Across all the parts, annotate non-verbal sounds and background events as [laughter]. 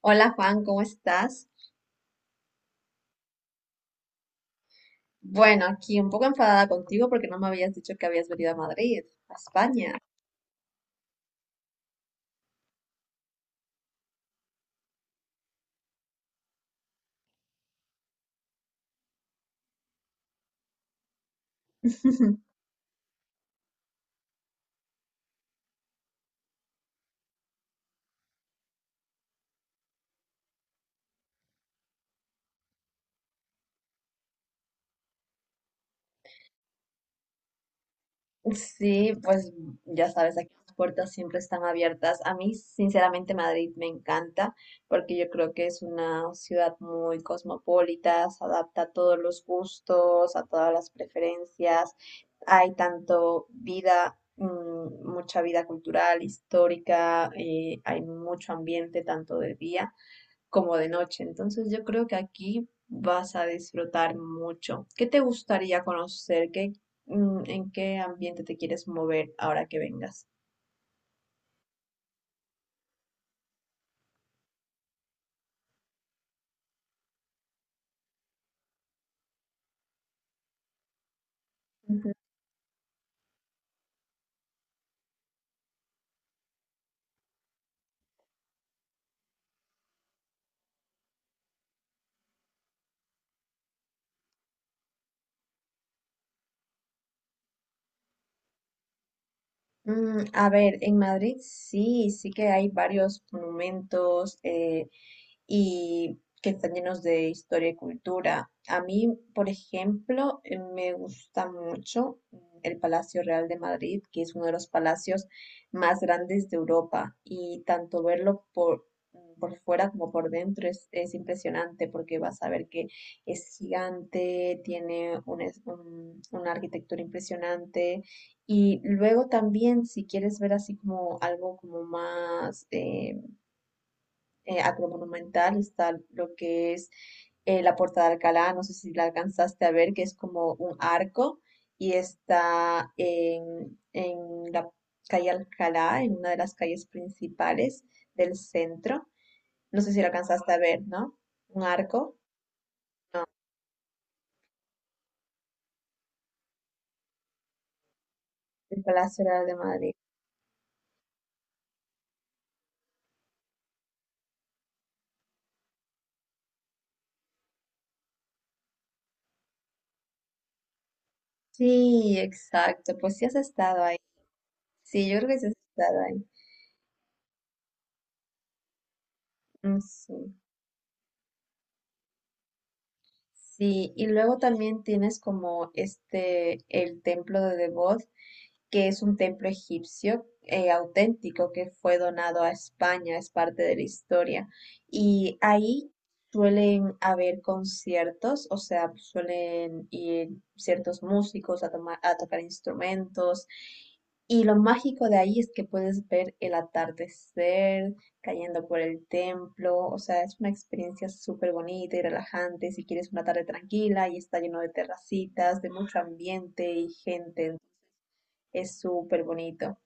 Hola Juan, ¿cómo estás? Bueno, aquí un poco enfadada contigo porque no me habías dicho que habías venido a Madrid, a España. [laughs] Sí, pues ya sabes, aquí las puertas siempre están abiertas. A mí, sinceramente, Madrid me encanta porque yo creo que es una ciudad muy cosmopolita, se adapta a todos los gustos, a todas las preferencias. Hay tanto vida, mm, mucha vida cultural, histórica, hay mucho ambiente tanto de día como de noche. Entonces yo creo que aquí vas a disfrutar mucho. ¿Qué te gustaría conocer? ¿ En qué ambiente te quieres mover ahora que vengas? Mm, a ver, en Madrid sí, sí que hay varios monumentos y que están llenos de historia y cultura. A mí, por ejemplo, me gusta mucho el Palacio Real de Madrid, que es uno de los palacios más grandes de Europa y tanto verlo por, mm, por fuera como por dentro es impresionante porque vas a ver que es gigante, tiene una arquitectura impresionante y luego también, si quieres ver así como algo como más agromonumental, está lo que es la Puerta de Alcalá, no sé si la alcanzaste a ver, que es como un arco y está en la calle Alcalá, en una de las calles principales del centro. No sé si lo alcanzaste a ver, ¿no? Un arco del Palacio Real de Madrid. Sí, exacto, pues sí has estado ahí. Sí, yo creo que sí has estado ahí. Mm, Sí. Sí, y luego también tienes como este, el templo de Devot, que es un templo egipcio auténtico que fue donado a España, es parte de la historia. Y ahí suelen haber conciertos, o sea, suelen ir ciertos músicos a, a tocar instrumentos. Y lo mágico de ahí es que puedes ver el atardecer cayendo por el templo, o sea, es una experiencia súper bonita y relajante si quieres una tarde tranquila y está lleno de terracitas, de mucho ambiente y gente, es súper bonito.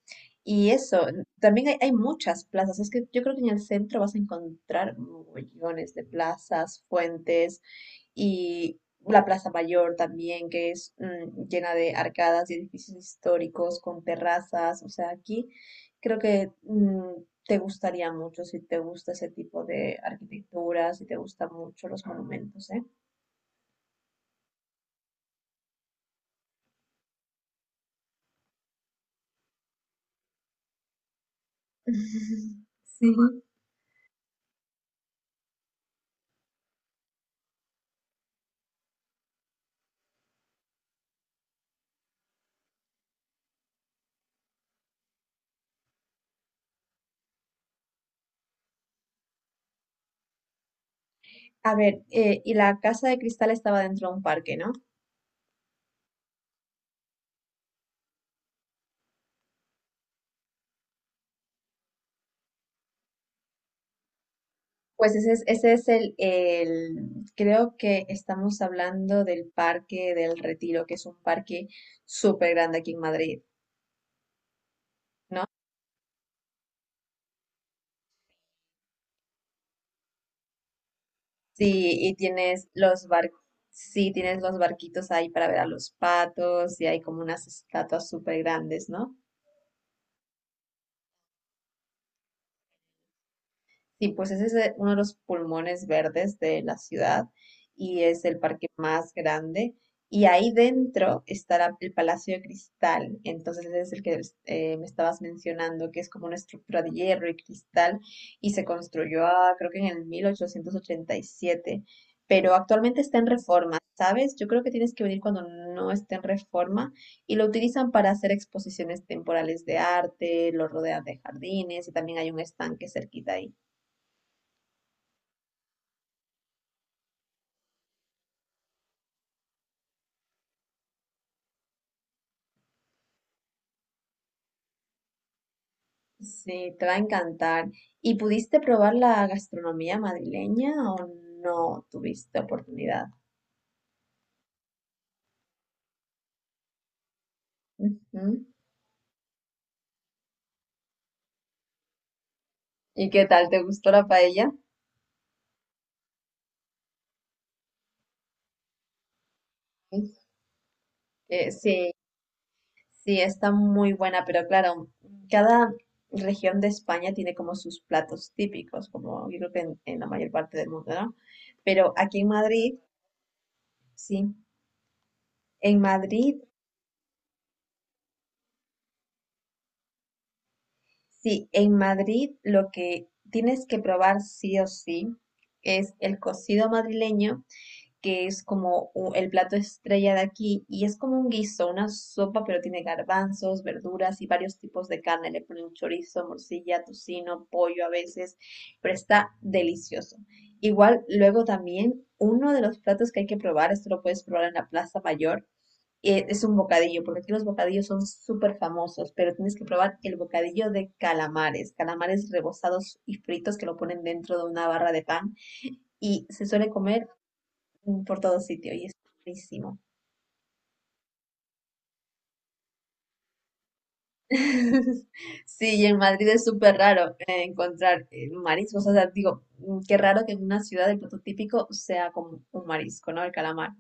Y eso, también hay muchas plazas. Es que yo creo que en el centro vas a encontrar millones de plazas, fuentes y la Plaza Mayor también, que es llena de arcadas y edificios históricos con terrazas. O sea, aquí creo que mm, te gustaría mucho si te gusta ese tipo de arquitectura, si te gustan mucho los monumentos, ¿eh? [laughs] Sí. A ver, y la Casa de Cristal estaba dentro de un parque, ¿no? Pues ese es, creo que estamos hablando del Parque del Retiro, que es un parque súper grande aquí en Madrid, ¿no? Sí, y tienes los bar, sí, tienes los barquitos ahí para ver a los patos y hay como unas estatuas súper grandes, ¿no? Sí, pues ese es, uno de los pulmones verdes de la ciudad y es el parque más grande. Y ahí dentro está el Palacio de Cristal. Entonces ese es el que me estabas mencionando, que es como una estructura de hierro y cristal y se construyó, ah, creo que en el 1887. Pero actualmente está en reforma, ¿sabes? Yo creo que tienes que venir cuando no esté en reforma y lo utilizan para hacer exposiciones temporales de arte, lo rodean de jardines y también hay un estanque cerquita ahí. Sí, te va a encantar. ¿Y pudiste probar la gastronomía madrileña o no tuviste oportunidad? Ujú. ¿Y qué tal? ¿Te gustó la paella? Sí, sí, sí, está muy buena, pero claro, cada región de España tiene como sus platos típicos, como yo creo que en la mayor parte del mundo, ¿no? Pero aquí en Madrid, sí, en Madrid, sí, en Madrid lo que tienes que probar sí o sí es el cocido madrileño, que es como el plato estrella de aquí y es como un guiso, una sopa, pero tiene garbanzos, verduras y varios tipos de carne. Le ponen chorizo, morcilla, tocino, pollo a veces, pero está delicioso. Igual, luego también, uno de los platos que hay que probar, esto lo puedes probar en la Plaza Mayor, es un bocadillo, porque aquí los bocadillos son súper famosos, pero tienes que probar el bocadillo de calamares, calamares rebozados y fritos que lo ponen dentro de una barra de pan y se suele comer mm, por todo sitio y es buenísimo. [laughs] Sí, y en Madrid es súper raro encontrar mariscos. O sea, digo, mm, qué raro que en una ciudad el plato típico sea como un marisco, ¿no? El calamar.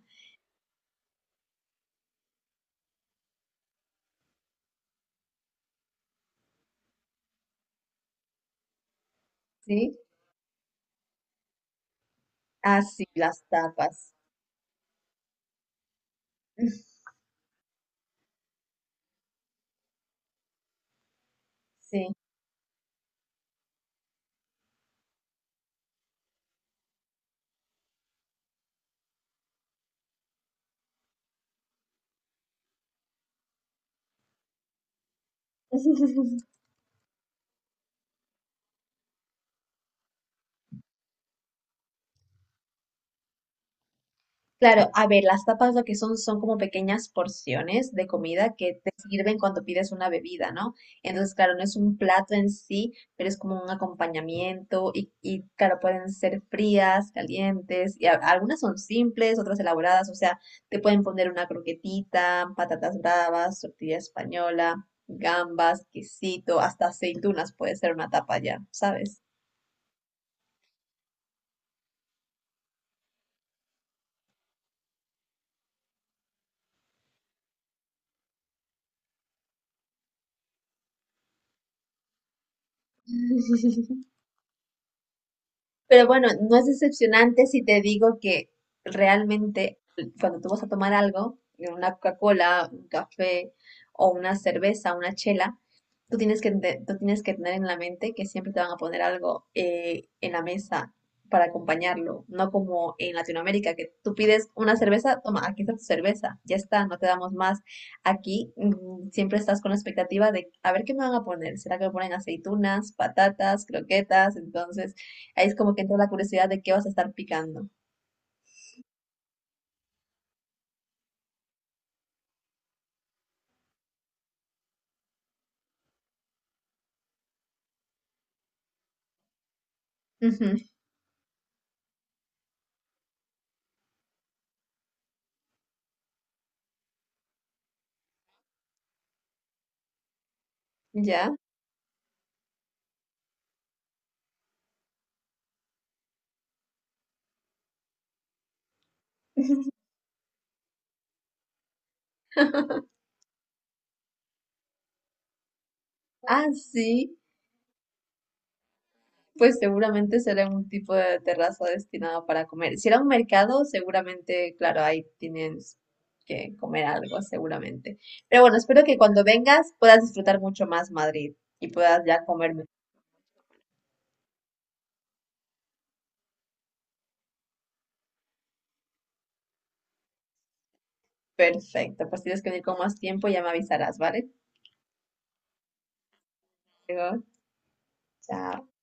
Sí. Ah, sí, las tapas. [laughs] Sí. [laughs] Claro, a ver, las tapas lo que son son como pequeñas porciones de comida que te sirven cuando pides una bebida, ¿no? Entonces, claro, no es un plato en sí, pero es como un acompañamiento y, claro, pueden ser frías, calientes, y algunas son simples, otras elaboradas, o sea, te pueden poner una croquetita, patatas bravas, tortilla española, gambas, quesito, hasta aceitunas puede ser una tapa ya, ¿sabes? [laughs] Pero bueno, no es decepcionante si te digo que realmente cuando tú vas a tomar algo, una Coca-Cola, un café o una cerveza, una chela, tú tienes que tener en la mente que siempre te van a poner algo en la mesa para acompañarlo, no como en Latinoamérica, que tú pides una cerveza, toma, aquí está tu cerveza, ya está, no te damos más. Aquí mm, siempre estás con la expectativa de a ver qué me van a poner, ¿será que me ponen aceitunas, patatas, croquetas? Entonces, ahí es como que entra la curiosidad de qué vas a estar picando. Ujú. ¿Ya? Ah, sí. Pues seguramente será un tipo de terraza destinado para comer. Si era un mercado, seguramente, claro, ahí tienes que comer algo, seguramente. Pero bueno, espero que cuando vengas puedas disfrutar mucho más Madrid y puedas ya comer. Perfecto, pues tienes que venir con más tiempo, ya me avisarás, ¿vale? Luego, chao.